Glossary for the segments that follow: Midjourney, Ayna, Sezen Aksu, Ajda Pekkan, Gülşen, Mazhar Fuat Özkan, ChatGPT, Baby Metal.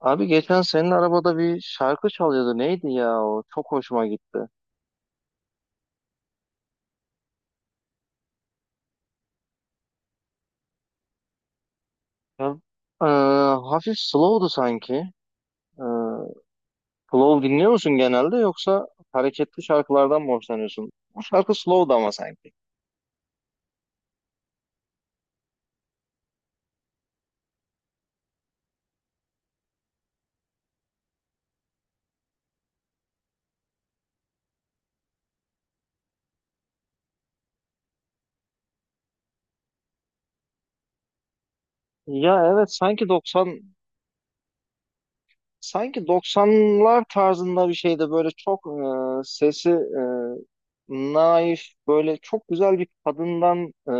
Abi geçen senin arabada bir şarkı çalıyordu. Neydi ya o? Çok hoşuma gitti. Ya, e, hafif slow'du sanki. E, Slow dinliyor musun genelde, yoksa hareketli şarkılardan mı hoşlanıyorsun? Bu şarkı slow'du ama sanki. Ya evet, sanki 90'lar tarzında bir şeydi. Böyle çok sesi naif, böyle çok güzel bir kadından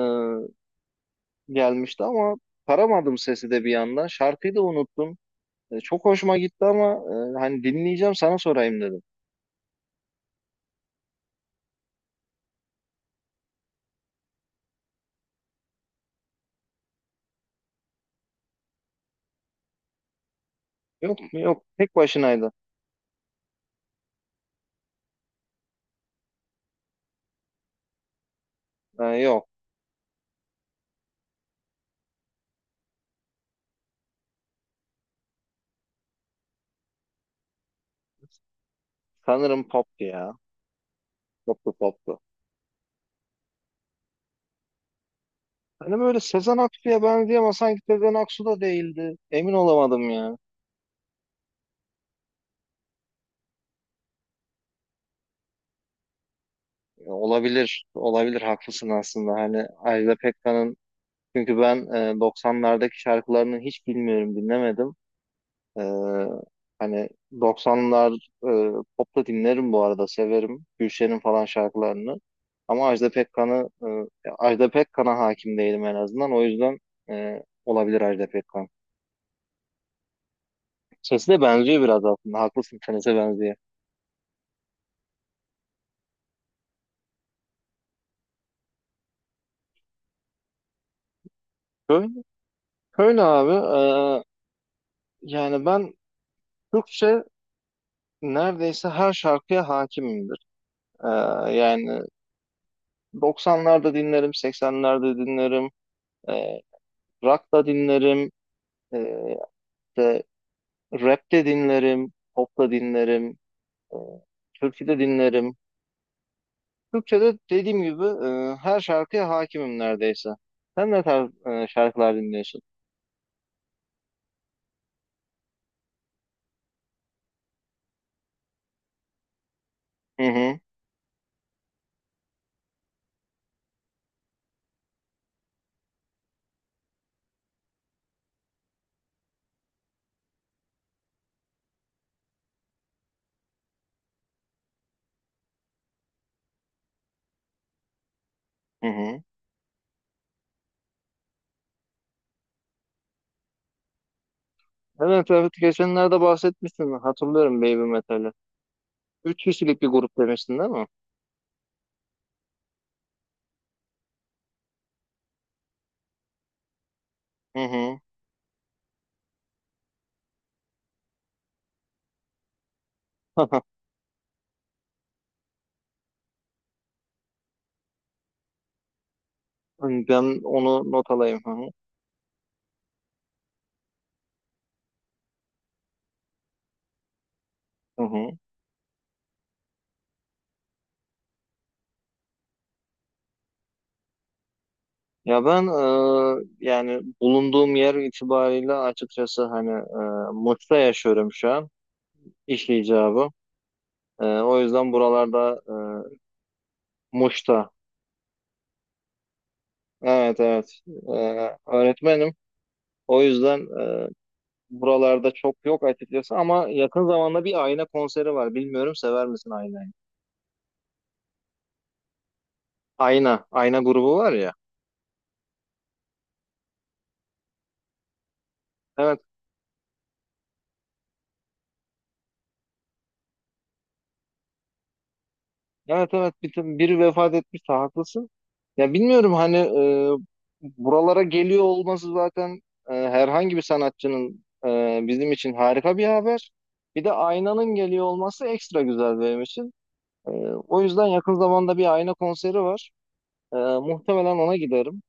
gelmişti ama paramadım sesi de bir yandan. Şarkıyı da unuttum. Çok hoşuma gitti ama hani dinleyeceğim, sana sorayım dedim. Yok, yok. Tek başınaydı. Yok. Sanırım poptu ya. Poptu, poptu. Hani böyle Sezen Aksu'ya benziyor ama sanki Sezen Aksu da değildi. Emin olamadım ya. Olabilir. Olabilir. Haklısın aslında. Hani Ajda Pekkan'ın, çünkü ben 90'lardaki şarkılarını hiç bilmiyorum, dinlemedim. Ee, Hani 90'lar, e, pop da dinlerim bu arada, severim. Gülşen'in falan şarkılarını. Ama Ajda Pekkan'a hakim değilim en azından. O yüzden olabilir Ajda Pekkan. Sesi de benziyor biraz aslında. Haklısın, senese benziyor. Böyle, böyle abi, e, yani ben Türkçe neredeyse her şarkıya hakimimdir. E, Yani 90'larda dinlerim, 80'lerde dinlerim, e, rock da dinlerim, e, rap de dinlerim, pop da dinlerim, e, türkü de dinlerim. Türkçe'de dediğim gibi, her şarkıya hakimim neredeyse. Sen ne tarz şarkılar dinliyorsun? Hı hı, hı hı. Evet, evet, geçenlerde bahsetmiştin. Hatırlıyorum Baby Metal'i. Üç kişilik bir grup demiştin, değil mi? Hı hı. Ben onu not alayım. Hı hı. Hı hı. Ya ben, yani bulunduğum yer itibariyle açıkçası, hani, Muş'ta yaşıyorum şu an. İş icabı. O yüzden buralarda... Muş'ta. Evet, evet. Öğretmenim. O yüzden e, buralarda çok yok açıkçası, ama yakın zamanda bir Ayna konseri var. Bilmiyorum, sever misin Ayna'yı? Ayna. Ayna grubu var ya. Evet. Evet, evet. Biri vefat etmişti. Haklısın. Ya bilmiyorum, hani buralara geliyor olması zaten, herhangi bir sanatçının bizim için harika bir haber. Bir de Ayna'nın geliyor olması ekstra güzel benim için. Ee, O yüzden yakın zamanda bir ayna konseri var. Muhtemelen ona giderim.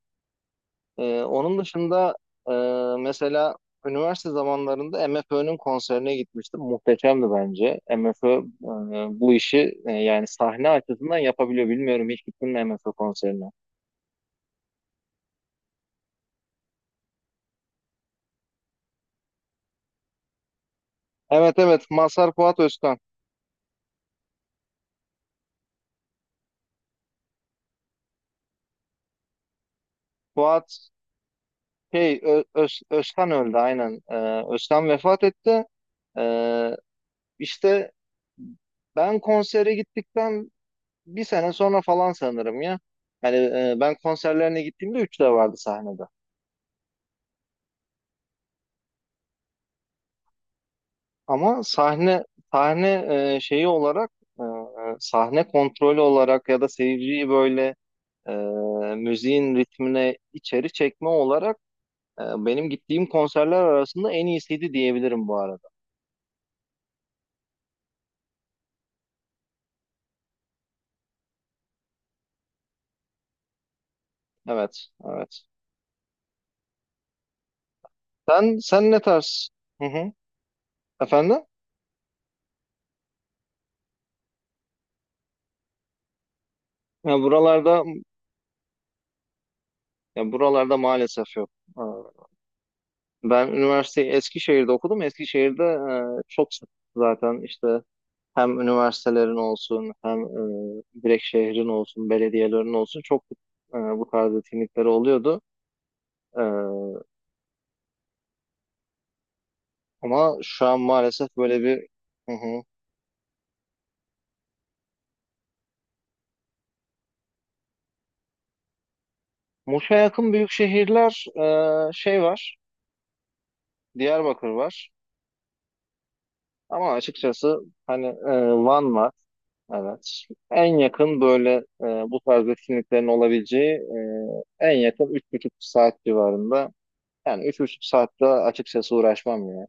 Onun dışında e, mesela üniversite zamanlarında MFÖ'nün konserine gitmiştim. Muhteşemdi bence. MFÖ bu işi, yani sahne açısından yapabiliyor. Bilmiyorum, hiç gittin mi MFÖ konserine? Evet, evet. Mazhar Fuat Özkan. Fuat şey Ö- Öz- Özkan öldü aynen. Özkan vefat etti. Ee, işte ben konsere gittikten bir sene sonra falan, sanırım ya. Yani ben konserlerine gittiğimde üç de vardı sahnede. Ama sahne şeyi olarak, sahne kontrolü olarak, ya da seyirciyi böyle e, müziğin ritmine içeri çekme olarak, benim gittiğim konserler arasında en iyisiydi diyebilirim bu arada. Evet, evet. Sen ne tarz? Hı hı. Efendim? Ya buralarda Ya buralarda maalesef yok. Ben üniversiteyi Eskişehir'de okudum. Eskişehir'de çok sık zaten, işte hem üniversitelerin olsun, hem direkt şehrin olsun, belediyelerin olsun çok bu tarz etkinlikleri oluyordu. E, Ama şu an maalesef böyle bir... Hı hı. Muş'a yakın büyük şehirler şey var, Diyarbakır var. Ama açıkçası hani, Van var. Evet. En yakın böyle, e, bu tarz etkinliklerin olabileceği en yakın 3,5 saat civarında. Yani 3,5 saatte açıkçası uğraşmam ya.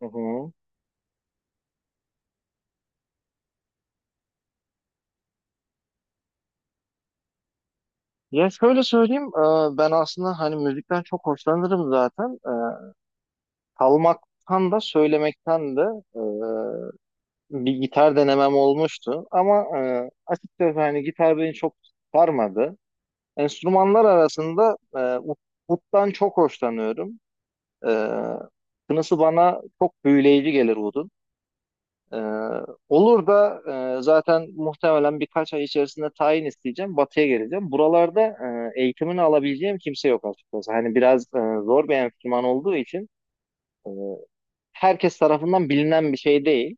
Hı hı. Ya şöyle söyleyeyim, ben aslında hani müzikten çok hoşlanırım zaten. Çalmaktan da söylemekten de e, bir gitar denemem olmuştu. Ama açıkçası hani gitar beni çok sarmadı. Enstrümanlar arasında uttan çok hoşlanıyorum. Ee, Kınısı bana çok büyüleyici gelir Wood'un. Ee, olur da zaten muhtemelen birkaç ay içerisinde tayin isteyeceğim. Batı'ya geleceğim. Buralarda eğitimini alabileceğim kimse yok açıkçası. Hani biraz zor bir enstrüman olduğu için e, herkes tarafından bilinen bir şey değil.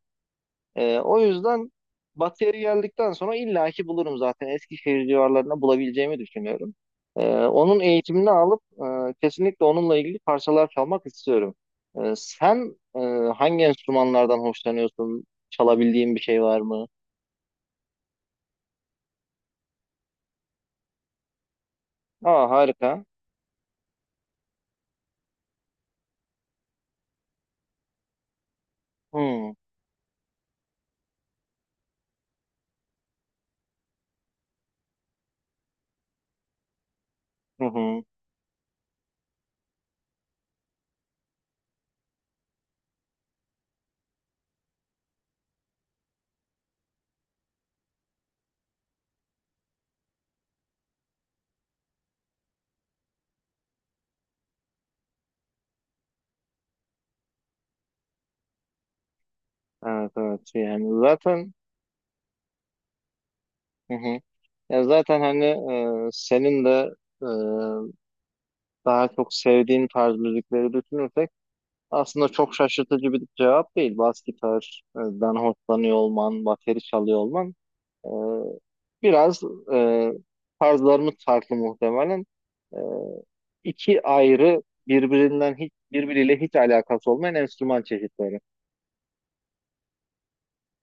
O yüzden Batı'ya geldikten sonra illaki bulurum zaten. Eskişehir civarlarında bulabileceğimi düşünüyorum. Onun eğitimini alıp kesinlikle onunla ilgili parçalar çalmak istiyorum. Sen hangi enstrümanlardan hoşlanıyorsun? Çalabildiğin bir şey var mı? Aa, harika. Hmm. Hı hı. Evet, evet. Şey, yani zaten... Hı hı. Ya zaten hani senin de e, daha çok sevdiğin tarz müzikleri düşünürsek, aslında çok şaşırtıcı bir cevap değil. Bas gitardan hoşlanıyor olman, bateri çalıyor olman, e, biraz e, tarzlarımız farklı muhtemelen. E, iki ayrı, birbirinden hiç, birbiriyle hiç alakası olmayan enstrüman çeşitleri.